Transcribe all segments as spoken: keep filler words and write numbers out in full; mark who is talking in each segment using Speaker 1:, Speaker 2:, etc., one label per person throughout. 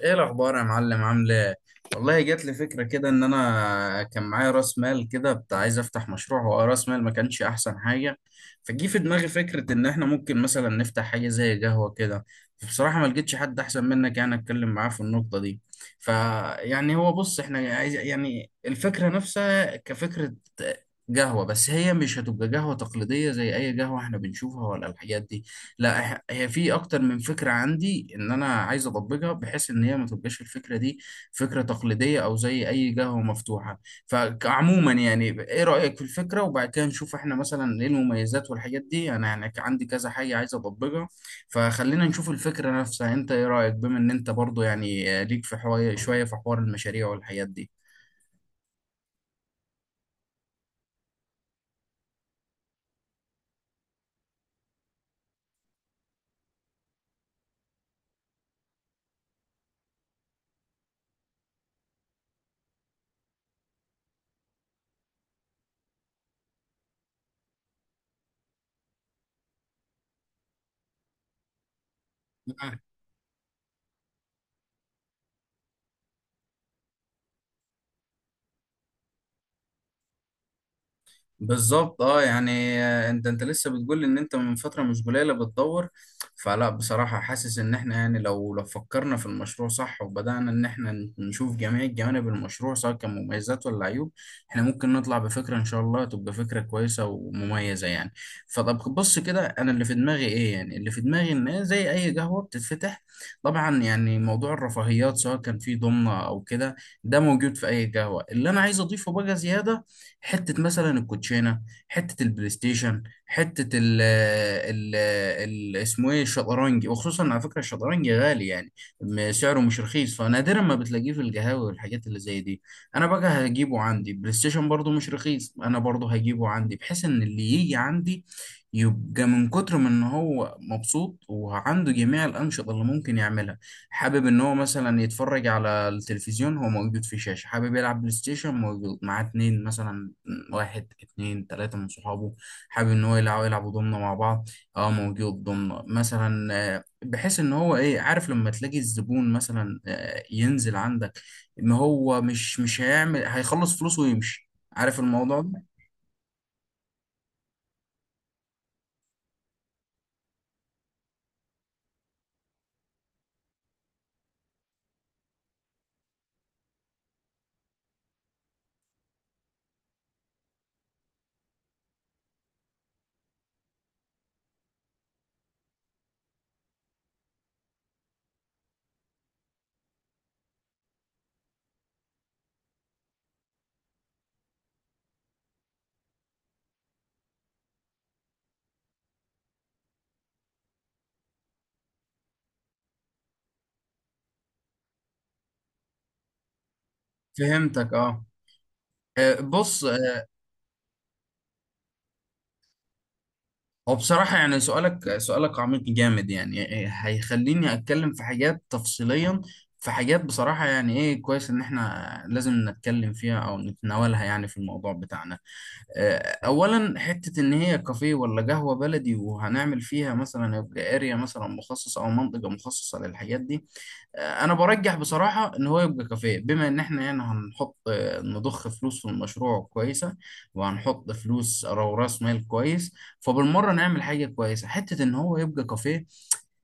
Speaker 1: ايه الاخبار يا معلم؟ عامل ايه؟ والله جات لي فكره كده، ان انا كان معايا راس مال كده بتاع، عايز افتح مشروع. هو راس مال، ما كانش احسن حاجه. فجي في دماغي فكره ان احنا ممكن مثلا نفتح حاجه زي قهوه كده. بصراحه ما لقيتش حد احسن منك يعني اتكلم معاه في النقطه دي. فيعني، هو بص، احنا عايز يعني الفكره نفسها كفكره قهوه، بس هي مش هتبقى قهوه تقليديه زي اي قهوه احنا بنشوفها ولا الحاجات دي. لا، إح- هي في اكتر من فكره عندي ان انا عايز اطبقها، بحيث ان هي ما تبقاش الفكره دي فكره تقليديه او زي اي قهوه مفتوحه. فعموما يعني ايه رايك في الفكره، وبعد كده نشوف احنا مثلا ايه المميزات والحاجات دي. انا يعني عندي كذا حاجه عايز اطبقها. فخلينا نشوف الفكره نفسها، انت ايه رايك؟ بما ان انت برضو يعني ليك في حوار، شويه في حوار المشاريع والحاجات دي. بالظبط، اه، يعني آه، انت انت لسه بتقول ان انت من فتره مش قليله بتدور. فلا، بصراحه حاسس ان احنا يعني، لو لو فكرنا في المشروع صح، وبدانا ان احنا ن- نشوف جميع جوانب المشروع سواء كان مميزات ولا عيوب، احنا ممكن نطلع بفكره ان شاء الله تبقى فكره كويسه ومميزه يعني. فطب بص كده، انا اللي في دماغي ايه؟ يعني اللي في دماغي ان هي زي اي قهوه بتتفتح. طبعا يعني موضوع الرفاهيات سواء كان في ضمنه او كده، ده موجود في اي قهوه. اللي انا عايز اضيفه بقى زياده، حته مثلا الكوتشينه، حته البلاي ستيشن، حته ال ال ال اسمه ايه، الشطرنج. وخصوصا على فكره، الشطرنج غالي يعني، م- سعره مش رخيص، فنادرا ما بتلاقيه في القهاوي والحاجات اللي زي دي. انا بقى هجيبه عندي. بلاي ستيشن برضه مش رخيص، انا برضه هجيبه عندي، بحيث ان اللي يجي عندي يبقى من كتر ما ان هو مبسوط وعنده جميع الانشطه اللي ممكن يعملها. حابب ان هو مثلا يتفرج على التلفزيون، هو موجود، في شاشة. حابب يلعب بلاي ستيشن، موجود، معاه اتنين مثلا، واحد، اتنين، تلاتة من صحابه، حابب ان هو يلعب، يلعبوا ضمنة مع بعض، اه موجود ضمنة مثلا. آه، بحيث ان هو ايه، عارف لما تلاقي الزبون مثلا آه، ينزل عندك ان هو مش مش هيعمل، هيخلص فلوسه ويمشي، عارف الموضوع ده. فهمتك، اه. آه، بص، هو بصراحة يعني سؤالك سؤالك عميق جامد يعني إيه، هيخليني أتكلم في حاجات تفصيليا. في حاجات بصراحة يعني إيه، كويس إن إحنا لازم نتكلم فيها أو نتناولها يعني في الموضوع بتاعنا. آه، أولا، حتة إن هي كافيه ولا قهوة بلدي، وهنعمل فيها مثلا يبقى أريا مثلا مخصصة أو منطقة مخصصة للحاجات دي. انا برجح بصراحه ان هو يبقى كافيه، بما ان احنا هنا هنحط، نضخ فلوس في المشروع كويسه، وهنحط فلوس او راس مال كويس، فبالمره نعمل حاجه كويسه، حته ان هو يبقى كافيه.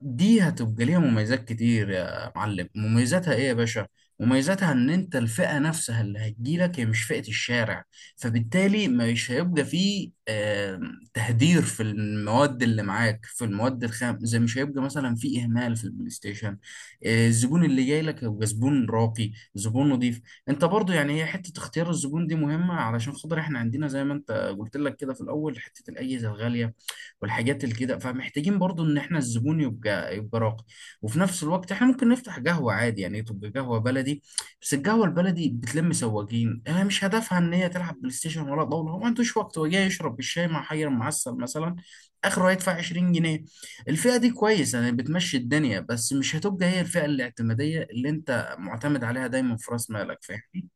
Speaker 1: دي هتبقى ليها مميزات كتير يا معلم. مميزاتها ايه يا باشا؟ مميزاتها ان انت الفئة نفسها اللي هتجيلك هي مش فئة الشارع، فبالتالي مش هيبقى فيه آه، تهدير في المواد اللي معاك، في المواد الخام زي، مش هيبقى مثلا فيه اهمال في البلاي ستيشن. آه، الزبون اللي جاي لك هيبقى زبون راقي، زبون نظيف. انت برضو يعني هي حتة اختيار الزبون دي مهمة، علشان خاطر احنا عندنا زي ما انت قلت لك كده في الاول، حتة الاجهزة الغالية والحاجات اللي كده، فمحتاجين برضو ان احنا الزبون يبقى يبقى راقي. وفي نفس الوقت احنا ممكن نفتح قهوة عادي يعني، تبقى قهوة بلدي. بس القهوة البلدي بتلم سواقين. انا مش هدفها ان هي تلعب بلاي ستيشن ولا طاولة، هو ما عندوش وقت، هو جاي يشرب الشاي مع حجر معسل مثلا، اخره هيدفع عشرين جنيه. الفئة دي كويسة يعني، بتمشي الدنيا، بس مش هتبقى هي الفئة الاعتمادية اللي انت معتمد عليها دايما في راس مالك. فاهمني؟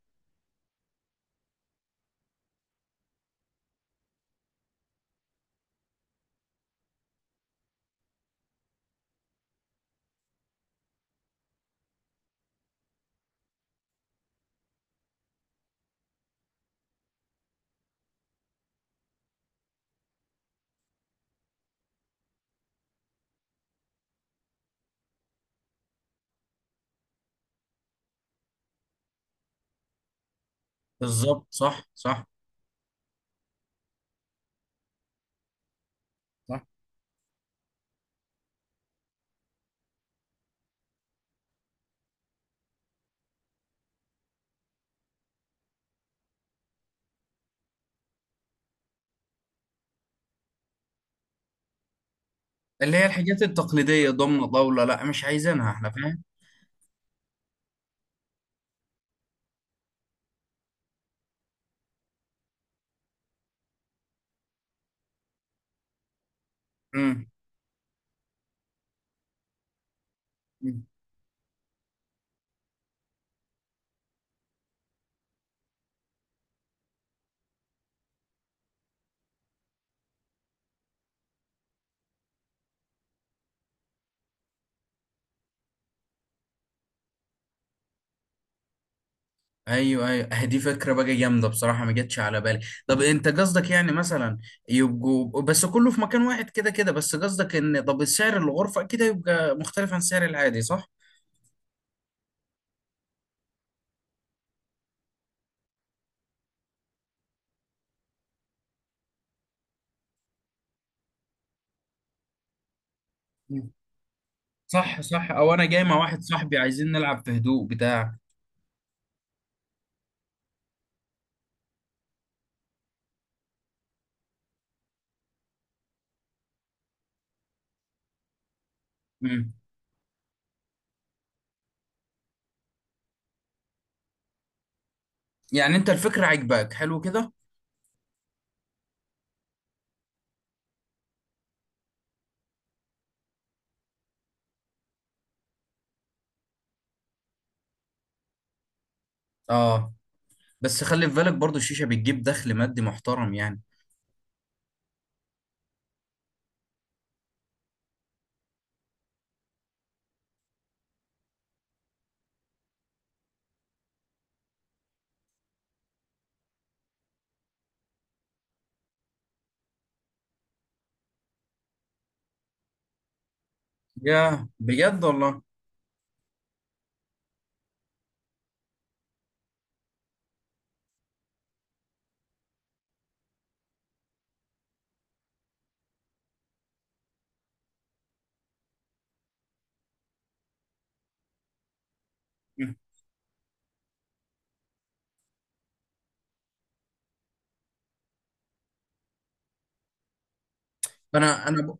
Speaker 1: بالظبط، صح، صح، صح. اللي هي الحاجات التقليدية، ضمن، طاولة، لا مش عايزينها احنا، فاهم. مم. ايوه، ايوه، آه، دي فكره بقى جامده، بصراحه ما جاتش على بالي. طب انت قصدك يعني مثلا يبقوا بس كله في مكان واحد كده كده، بس قصدك ان طب سعر الغرفه كده يبقى مختلف عن سعر العادي صح؟ مم. صح، صح، او انا جاي مع واحد صاحبي عايزين نلعب في هدوء بتاع. مم. يعني انت الفكره عجباك، حلو كده. اه، بس خلي في بالك برضو الشيشه بتجيب دخل مادي محترم يعني. يا بجد والله. مم. انا انا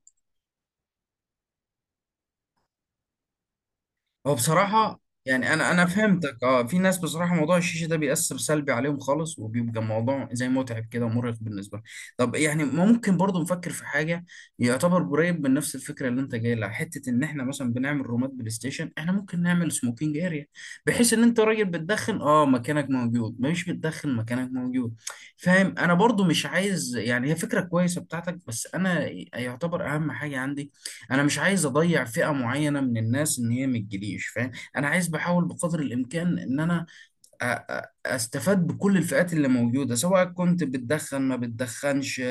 Speaker 1: هو بصراحة يعني، أنا أنا فهمتك، أه. في ناس بصراحة موضوع الشيشة ده بيأثر سلبي عليهم خالص، وبيبقى موضوع زي متعب كده ومرهق بالنسبة لهم. طب يعني ممكن برضو نفكر في حاجة يعتبر قريب من نفس الفكرة اللي أنت جاي لها. حتة إن إحنا مثلا بنعمل رومات بلاي ستيشن، إحنا ممكن نعمل سموكينج أريا، بحيث إن أنت راجل بتدخن، أه، مكانك موجود، مش بتدخن مكانك موجود. فاهم؟ أنا برضو مش عايز يعني، هي فكرة كويسة بتاعتك، بس أنا يعتبر أهم حاجة عندي، انا مش عايز اضيع فئة معينة من الناس ان هي ما تجيليش. فاهم؟ انا عايز، بحاول بقدر الامكان ان انا أ- أ- استفاد بكل الفئات اللي موجودة، سواء كنت بتدخن، ما بتدخنش،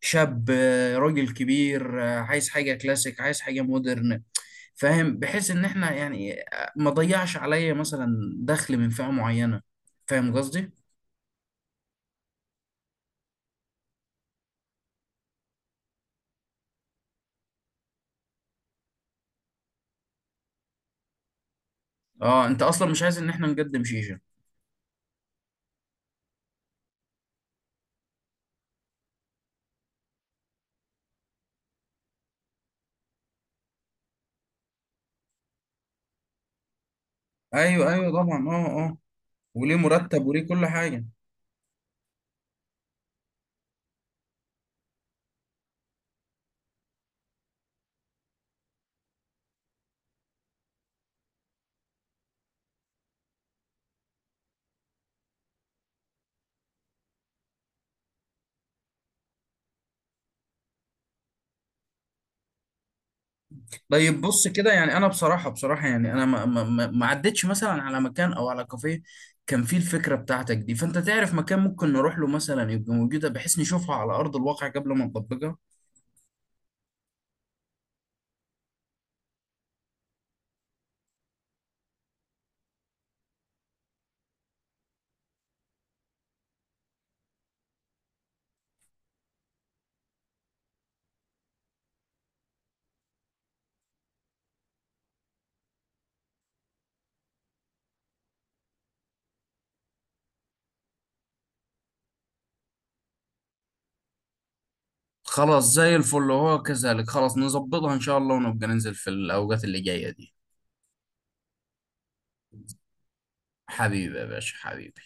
Speaker 1: شاب، راجل كبير، عايز حاجة كلاسيك، عايز حاجة مودرن. فاهم؟ بحيث ان احنا يعني ما ضيعش عليا مثلا دخل من فئة معينة. فاهم قصدي؟ اه، انت اصلا مش عايز ان احنا نقدم شيشة. ايوه، ايوه، طبعا، اه، اه. وليه مرتب، وليه كل حاجة. طيب بص كده يعني، انا بصراحه بصراحه يعني انا ما ما ما ما عدتش مثلا على مكان او على كافيه كان فيه الفكره بتاعتك دي. فانت تعرف مكان ممكن نروح له مثلا يبقى موجوده، بحيث نشوفها على ارض الواقع قبل ما نطبقها. خلاص، زي الفل، هو كذلك، خلاص نظبطها ان شاء الله، ونبقى ننزل في الاوقات اللي جايه دي. حبيبي يا باشا، حبيبي.